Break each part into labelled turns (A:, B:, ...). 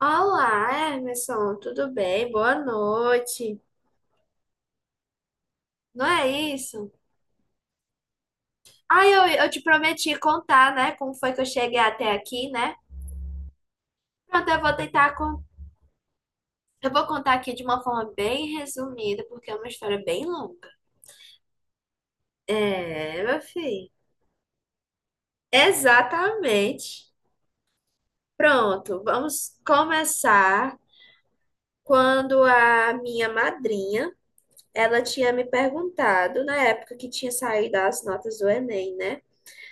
A: Olá, Emerson, tudo bem? Boa noite. Não é isso? Ah, eu te prometi contar, né? Como foi que eu cheguei até aqui, né? Pronto, eu vou tentar. Eu vou contar aqui de uma forma bem resumida, porque é uma história bem longa. É, meu filho. Exatamente. Pronto, vamos começar quando a minha madrinha, ela tinha me perguntado, na época que tinha saído as notas do Enem, né?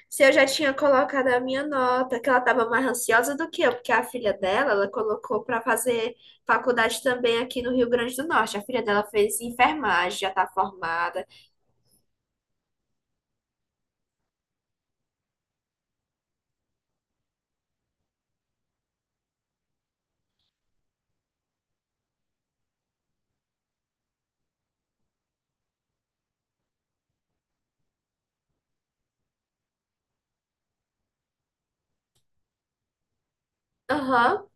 A: Se eu já tinha colocado a minha nota, que ela estava mais ansiosa do que eu, porque a filha dela, ela colocou para fazer faculdade também aqui no Rio Grande do Norte. A filha dela fez enfermagem, já está formada. Aham,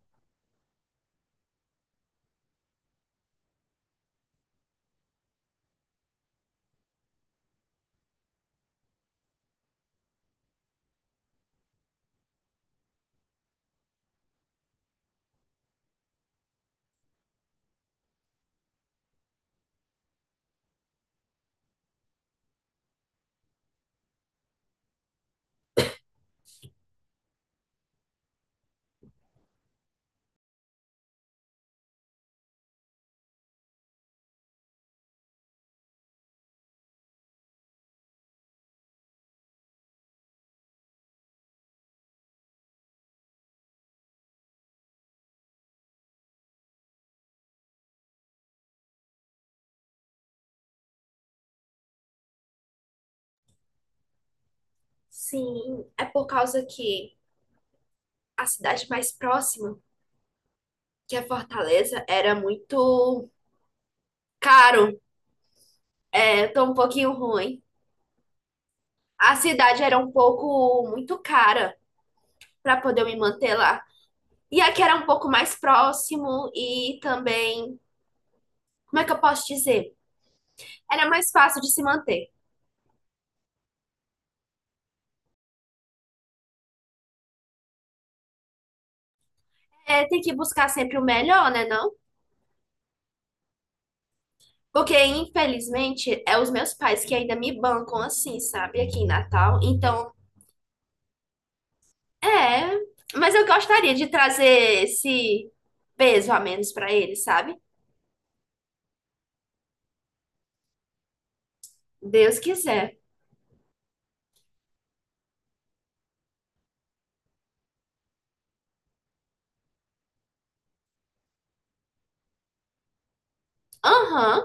A: sim. É por causa que a cidade mais próxima, que é Fortaleza, era muito caro. É, tô um pouquinho ruim. A cidade era um pouco muito cara para poder me manter lá. E aqui era um pouco mais próximo e também, como é que eu posso dizer? Era mais fácil de se manter. É, tem que buscar sempre o melhor, né, não? Porque, infelizmente, é os meus pais que ainda me bancam assim, sabe? Aqui em Natal. Então, é. Mas eu gostaria de trazer esse peso a menos para eles, sabe? Deus quiser. Aham,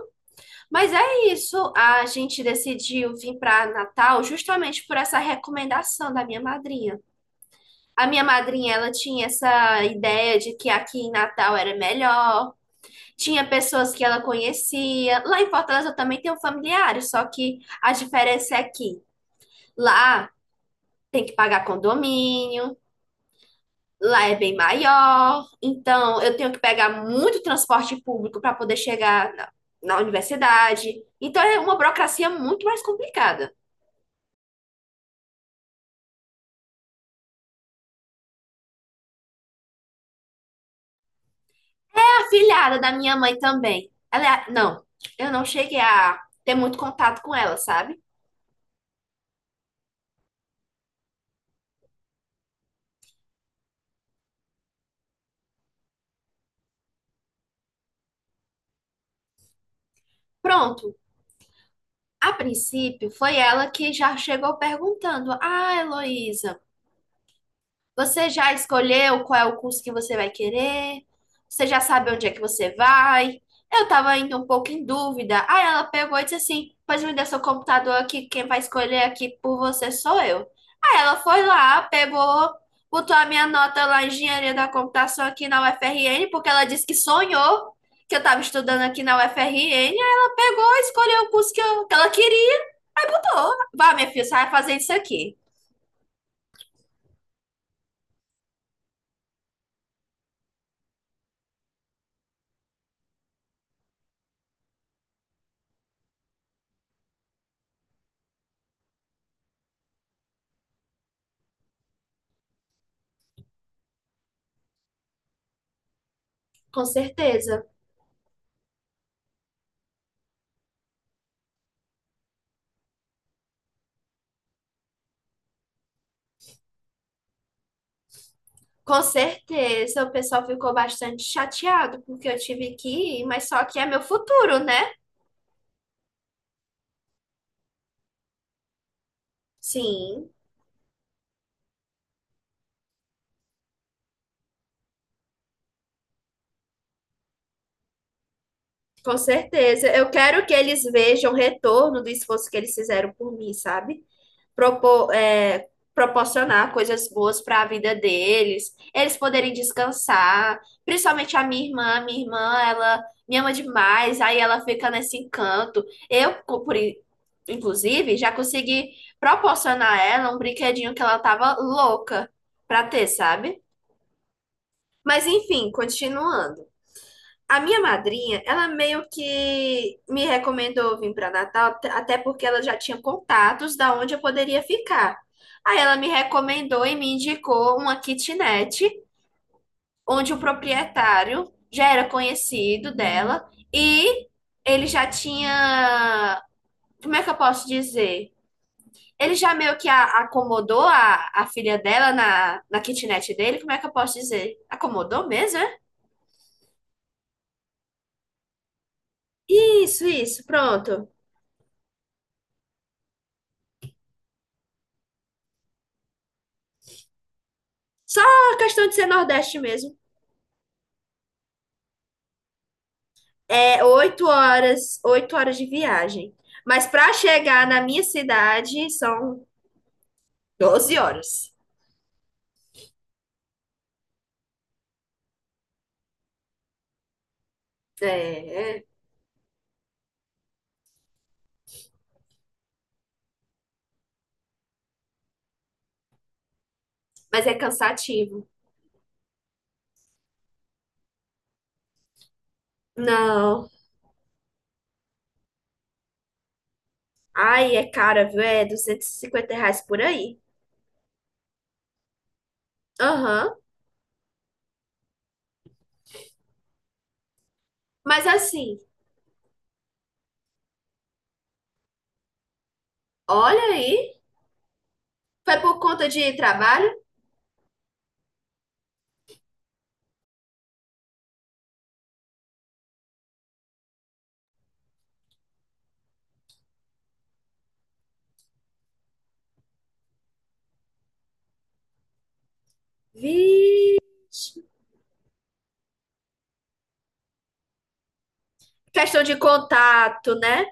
A: mas é isso. A gente decidiu vir para Natal justamente por essa recomendação da minha madrinha. A minha madrinha, ela tinha essa ideia de que aqui em Natal era melhor, tinha pessoas que ela conhecia. Lá em Fortaleza eu também tenho familiares, só que a diferença é que lá tem que pagar condomínio, lá é bem maior, então eu tenho que pegar muito transporte público para poder chegar na universidade. Então é uma burocracia muito mais complicada. A filhada da minha mãe também, não, eu não cheguei a ter muito contato com ela, sabe? Pronto, a princípio, foi ela que já chegou perguntando: Ah, Heloísa, você já escolheu qual é o curso que você vai querer? Você já sabe onde é que você vai? Eu tava ainda um pouco em dúvida. Aí ela pegou e disse assim: Pois me dê seu computador aqui, quem vai escolher aqui por você sou eu. Aí ela foi lá, pegou, botou a minha nota lá em Engenharia da Computação aqui na UFRN, porque ela disse que sonhou que eu tava estudando aqui na UFRN. Aí ela pegou, e escolheu o curso que ela queria. Aí botou. Vai, minha filha, você vai fazer isso aqui. Com certeza. Com certeza. O pessoal ficou bastante chateado porque eu tive que ir, mas só que é meu futuro, né? Sim, com certeza. Eu quero que eles vejam o retorno do esforço que eles fizeram por mim, sabe? propor, é, Proporcionar coisas boas para a vida deles, eles poderem descansar, principalmente a minha irmã, ela me ama demais, aí ela fica nesse encanto. Eu, por, in- Inclusive, já consegui proporcionar a ela um brinquedinho que ela tava louca para ter, sabe? Mas enfim, continuando. A minha madrinha, ela meio que me recomendou vir para Natal, até porque ela já tinha contatos da onde eu poderia ficar. Aí ela me recomendou e me indicou uma kitnet, onde o proprietário já era conhecido dela e ele já tinha, como é que eu posso dizer? Ele já meio que acomodou a filha dela na kitnet dele, como é que eu posso dizer? Acomodou mesmo, é? Isso, pronto. Só a questão de ser Nordeste mesmo. É oito horas, 8 horas de viagem. Mas para chegar na minha cidade são 12 horas. É, é. Mas é cansativo. Não. Ai, é cara, viu? É R$ 250 por aí. Aham. Mas assim, olha aí. Foi por conta de trabalho? Vi. Questão de contato, né?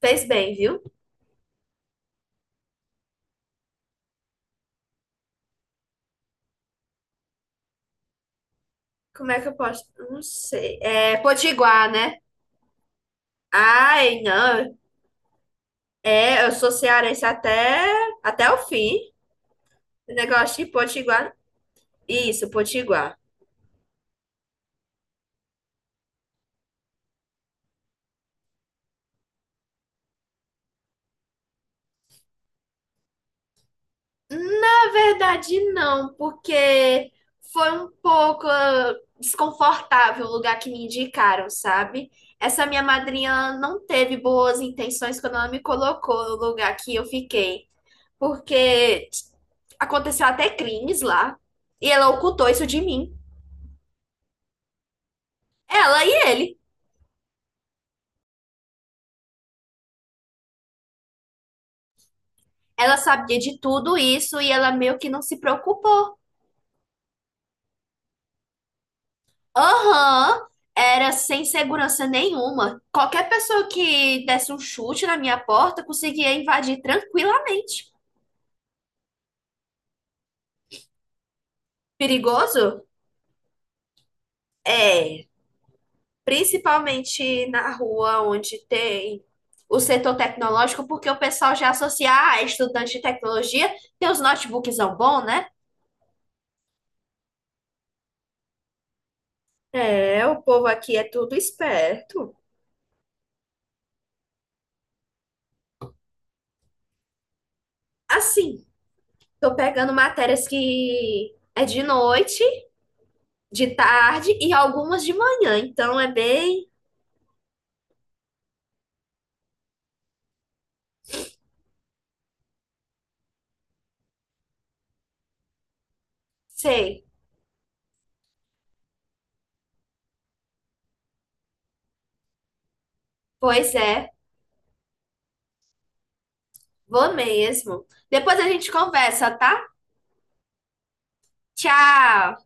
A: Fez bem, viu? Como é que eu posso? Não sei. É Potiguar, né? Ai, não. É, eu sou cearense até, até o fim. Negócio de Potiguar. Isso, Potiguar. Na verdade, não, porque foi um pouco desconfortável o lugar que me indicaram, sabe? Essa minha madrinha não teve boas intenções quando ela me colocou no lugar que eu fiquei, porque aconteceu até crimes lá e ela ocultou isso de mim. Ela e ele. Ela sabia de tudo isso e ela meio que não se preocupou. Aham, era sem segurança nenhuma. Qualquer pessoa que desse um chute na minha porta conseguia invadir tranquilamente. Perigoso? É, principalmente na rua onde tem o setor tecnológico, porque o pessoal já associa a estudante de tecnologia, tem os notebooks bom, né? É, o povo aqui é tudo esperto. Assim, tô pegando matérias que é de noite de tarde e algumas de manhã, então é bem Sei. Pois é, vou mesmo. Depois a gente conversa, tá? Tchau!